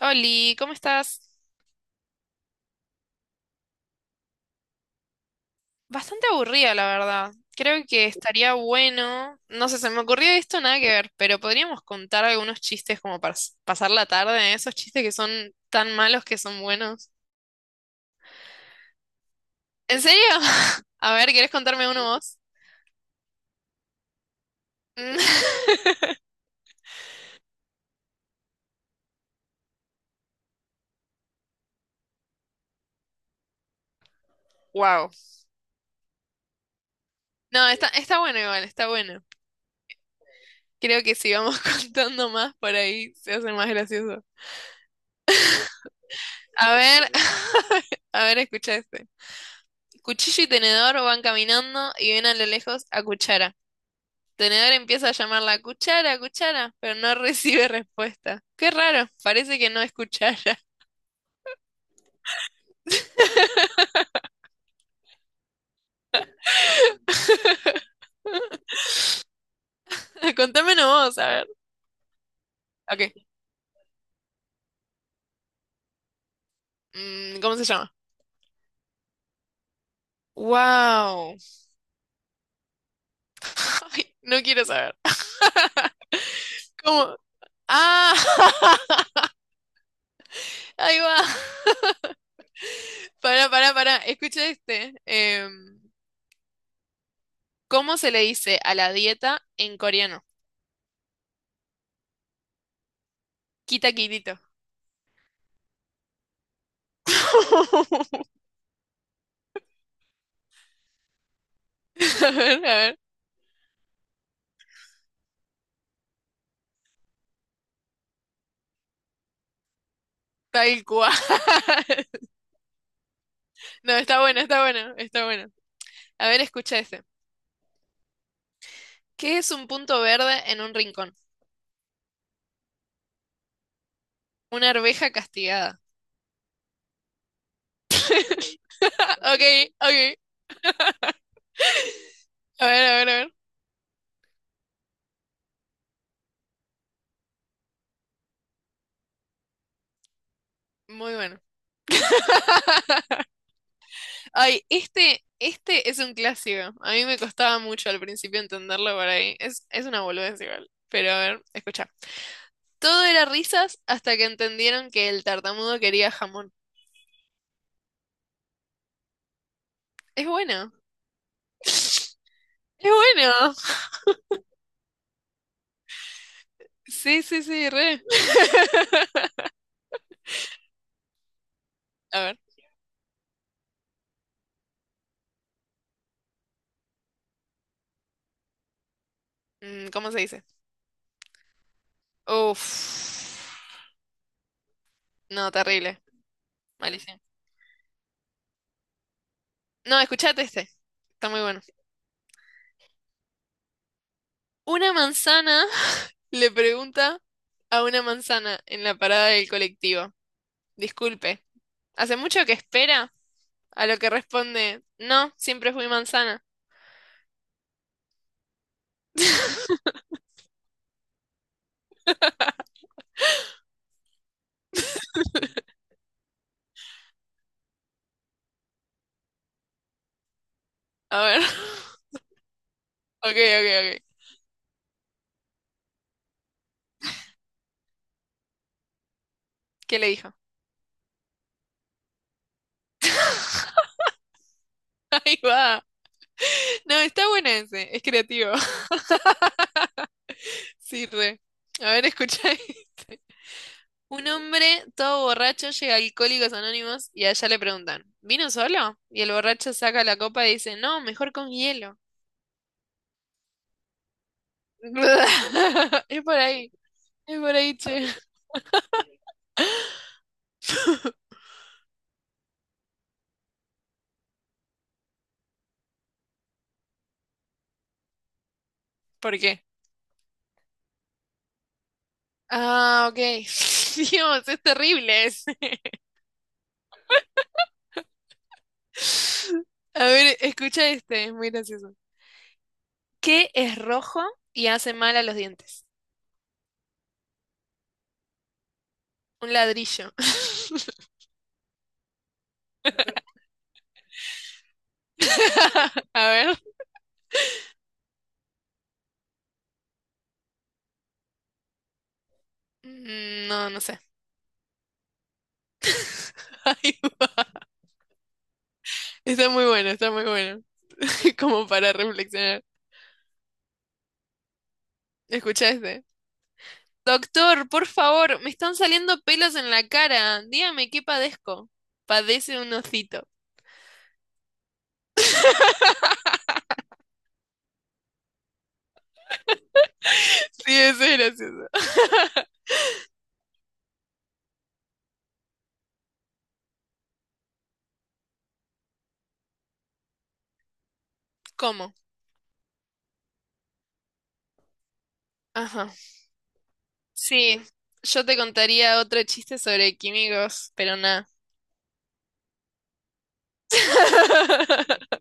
Oli, ¿cómo estás? Bastante aburrida, la verdad. Creo que estaría bueno. No sé, se me ocurrió esto, nada que ver, pero podríamos contar algunos chistes como para pasar la tarde, esos chistes que son tan malos que son buenos. ¿En serio? A ver, ¿querés contarme uno vos? Mm, wow. No, está bueno igual, está bueno. Creo que si vamos contando más por ahí se hace más gracioso. A ver, a ver, escucha este. Cuchillo y tenedor van caminando y ven a lo lejos a cuchara. Tenedor empieza a llamarla cuchara, cuchara, pero no recibe respuesta. Qué raro, parece que no es cuchara. Contámelo vos, a ver. Ok, mm, ¿cómo se llama? Wow. Ay, no quiero saber. ¿Cómo? Ah, ahí va. Pará, pará, pará. Escucha este. ¿Cómo se le dice a la dieta en coreano? Quita quitito. A ver, a ver. Tal cual. No, está bueno, está bueno, está bueno. A ver, escucha ese. ¿Qué es un punto verde en un rincón? Una arveja castigada. Ok, ok. A ver, a ver, a ver. Muy bueno. Ay, este es un clásico. A mí me costaba mucho al principio entenderlo por ahí. Es una boludez igual. Pero a ver, escucha. Todo era risas hasta que entendieron que el tartamudo quería jamón. Es bueno. Es bueno. Sí, sí, sí, re. A ver, mm, ¿cómo se dice? Uf. No, terrible. Malísimo. No, escuchate este. Está muy bueno. Una manzana le pregunta a una manzana en la parada del colectivo. Disculpe, ¿hace mucho que espera? A lo que responde, no, siempre fui manzana. A ver. Ok, ok, ok. ¿Qué le dijo? Ahí va. No, está bueno ese. Es creativo. Sí, re. A ver, escucha este. Un hombre todo borracho llega a Alcohólicos Anónimos y allá le preguntan, ¿vino solo? Y el borracho saca la copa y dice, no, mejor con hielo. Es por ahí, es por ahí, che. ¿Por qué? Ah, ok. Dios, es terrible ese. A ver, escucha este, es muy gracioso. ¿Qué es rojo y hace mal a los dientes? Un ladrillo. A ver. Mm, no, no sé. Ay, está muy bueno, está muy bueno. Como para reflexionar. ¿Escuchaste? Doctor, por favor, me están saliendo pelos en la cara. Dígame qué padezco. Padece un hocito. Sí, eso es gracioso. ¿Cómo? Ajá. Sí, yo te contaría otro chiste sobre químicos, pero nada.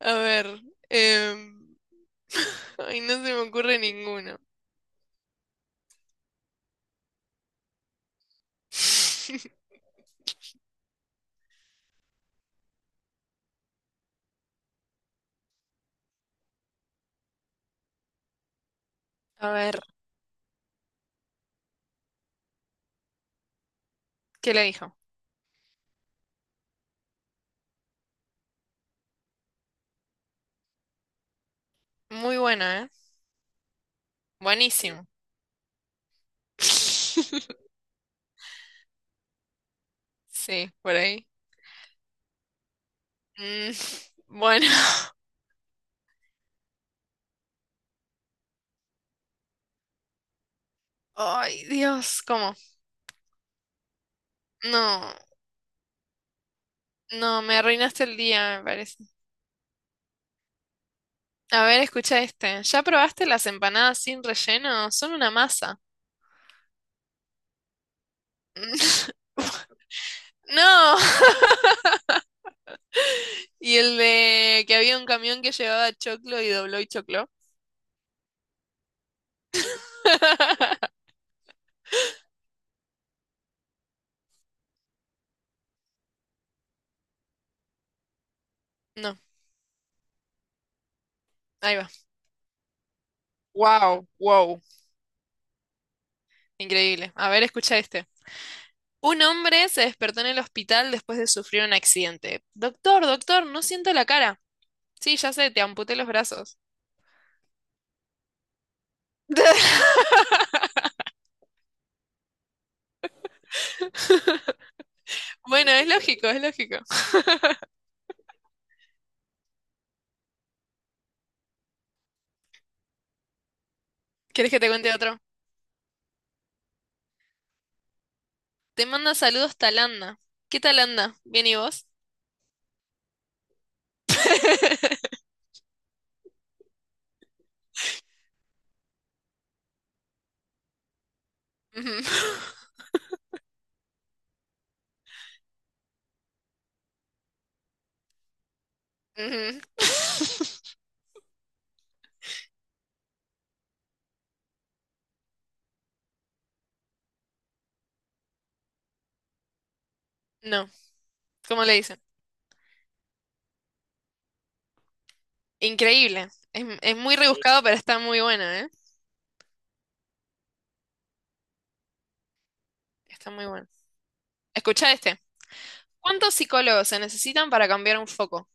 A ver. em, ay, no se me ocurre ninguno. A ver, ¿qué le dijo? Muy bueno, ¿eh? Buenísimo. Sí, por ahí. Mm, bueno. Ay, Dios, ¿cómo? No, no, me arruinaste el día, me parece. A ver, escucha este. ¿Ya probaste las empanadas sin relleno? Son una masa. No. Y el de que había un camión que llevaba choclo y dobló y choclo. No, ahí va. Wow, wow. Increíble. A ver, escucha este. Un hombre se despertó en el hospital después de sufrir un accidente. Doctor, doctor, no siento la cara. Sí, ya sé, te amputé los brazos. Bueno, es lógico, es lógico. ¿Quieres que te cuente otro? Te manda saludos Talanda. ¿Qué Talanda? ¿Bien y vos? Ujú. Ujú. No, ¿cómo le dicen? Increíble. Es muy rebuscado, pero está muy buena, ¿eh? Está muy buena. Escucha este. ¿Cuántos psicólogos se necesitan para cambiar un foco?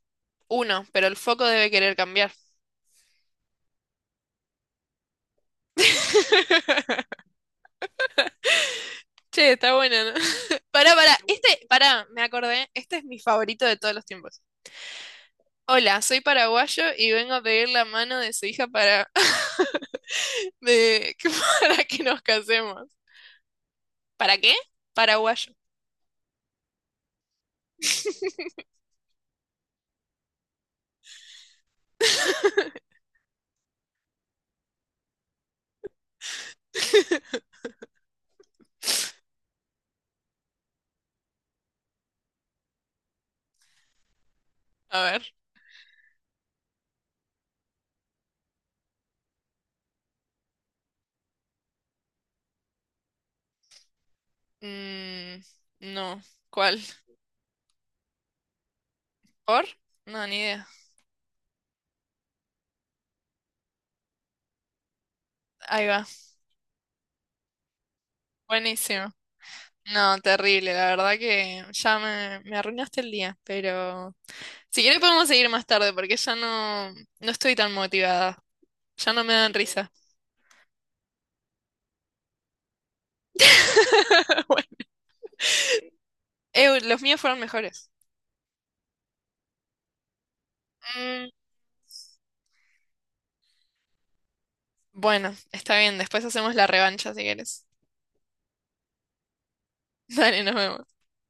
Uno, pero el foco debe querer cambiar. Che, está buena, ¿no? Pará, pará. Este, pará, me acordé. Este es mi favorito de todos los tiempos. Hola, soy paraguayo y vengo a pedir la mano de su hija para... de que para que nos casemos. ¿Para qué? Paraguayo. A ver. Mm, no. ¿Cuál? ¿Por? No, ni idea. Ahí va. Buenísimo. No, terrible. La verdad que ya me arruinaste el día. Pero si quieres podemos seguir más tarde porque ya no estoy tan motivada. Ya no me dan risa. Bueno. Los míos fueron mejores. Mm, bueno, está bien. Después hacemos la revancha si quieres. Dale, nos vemos.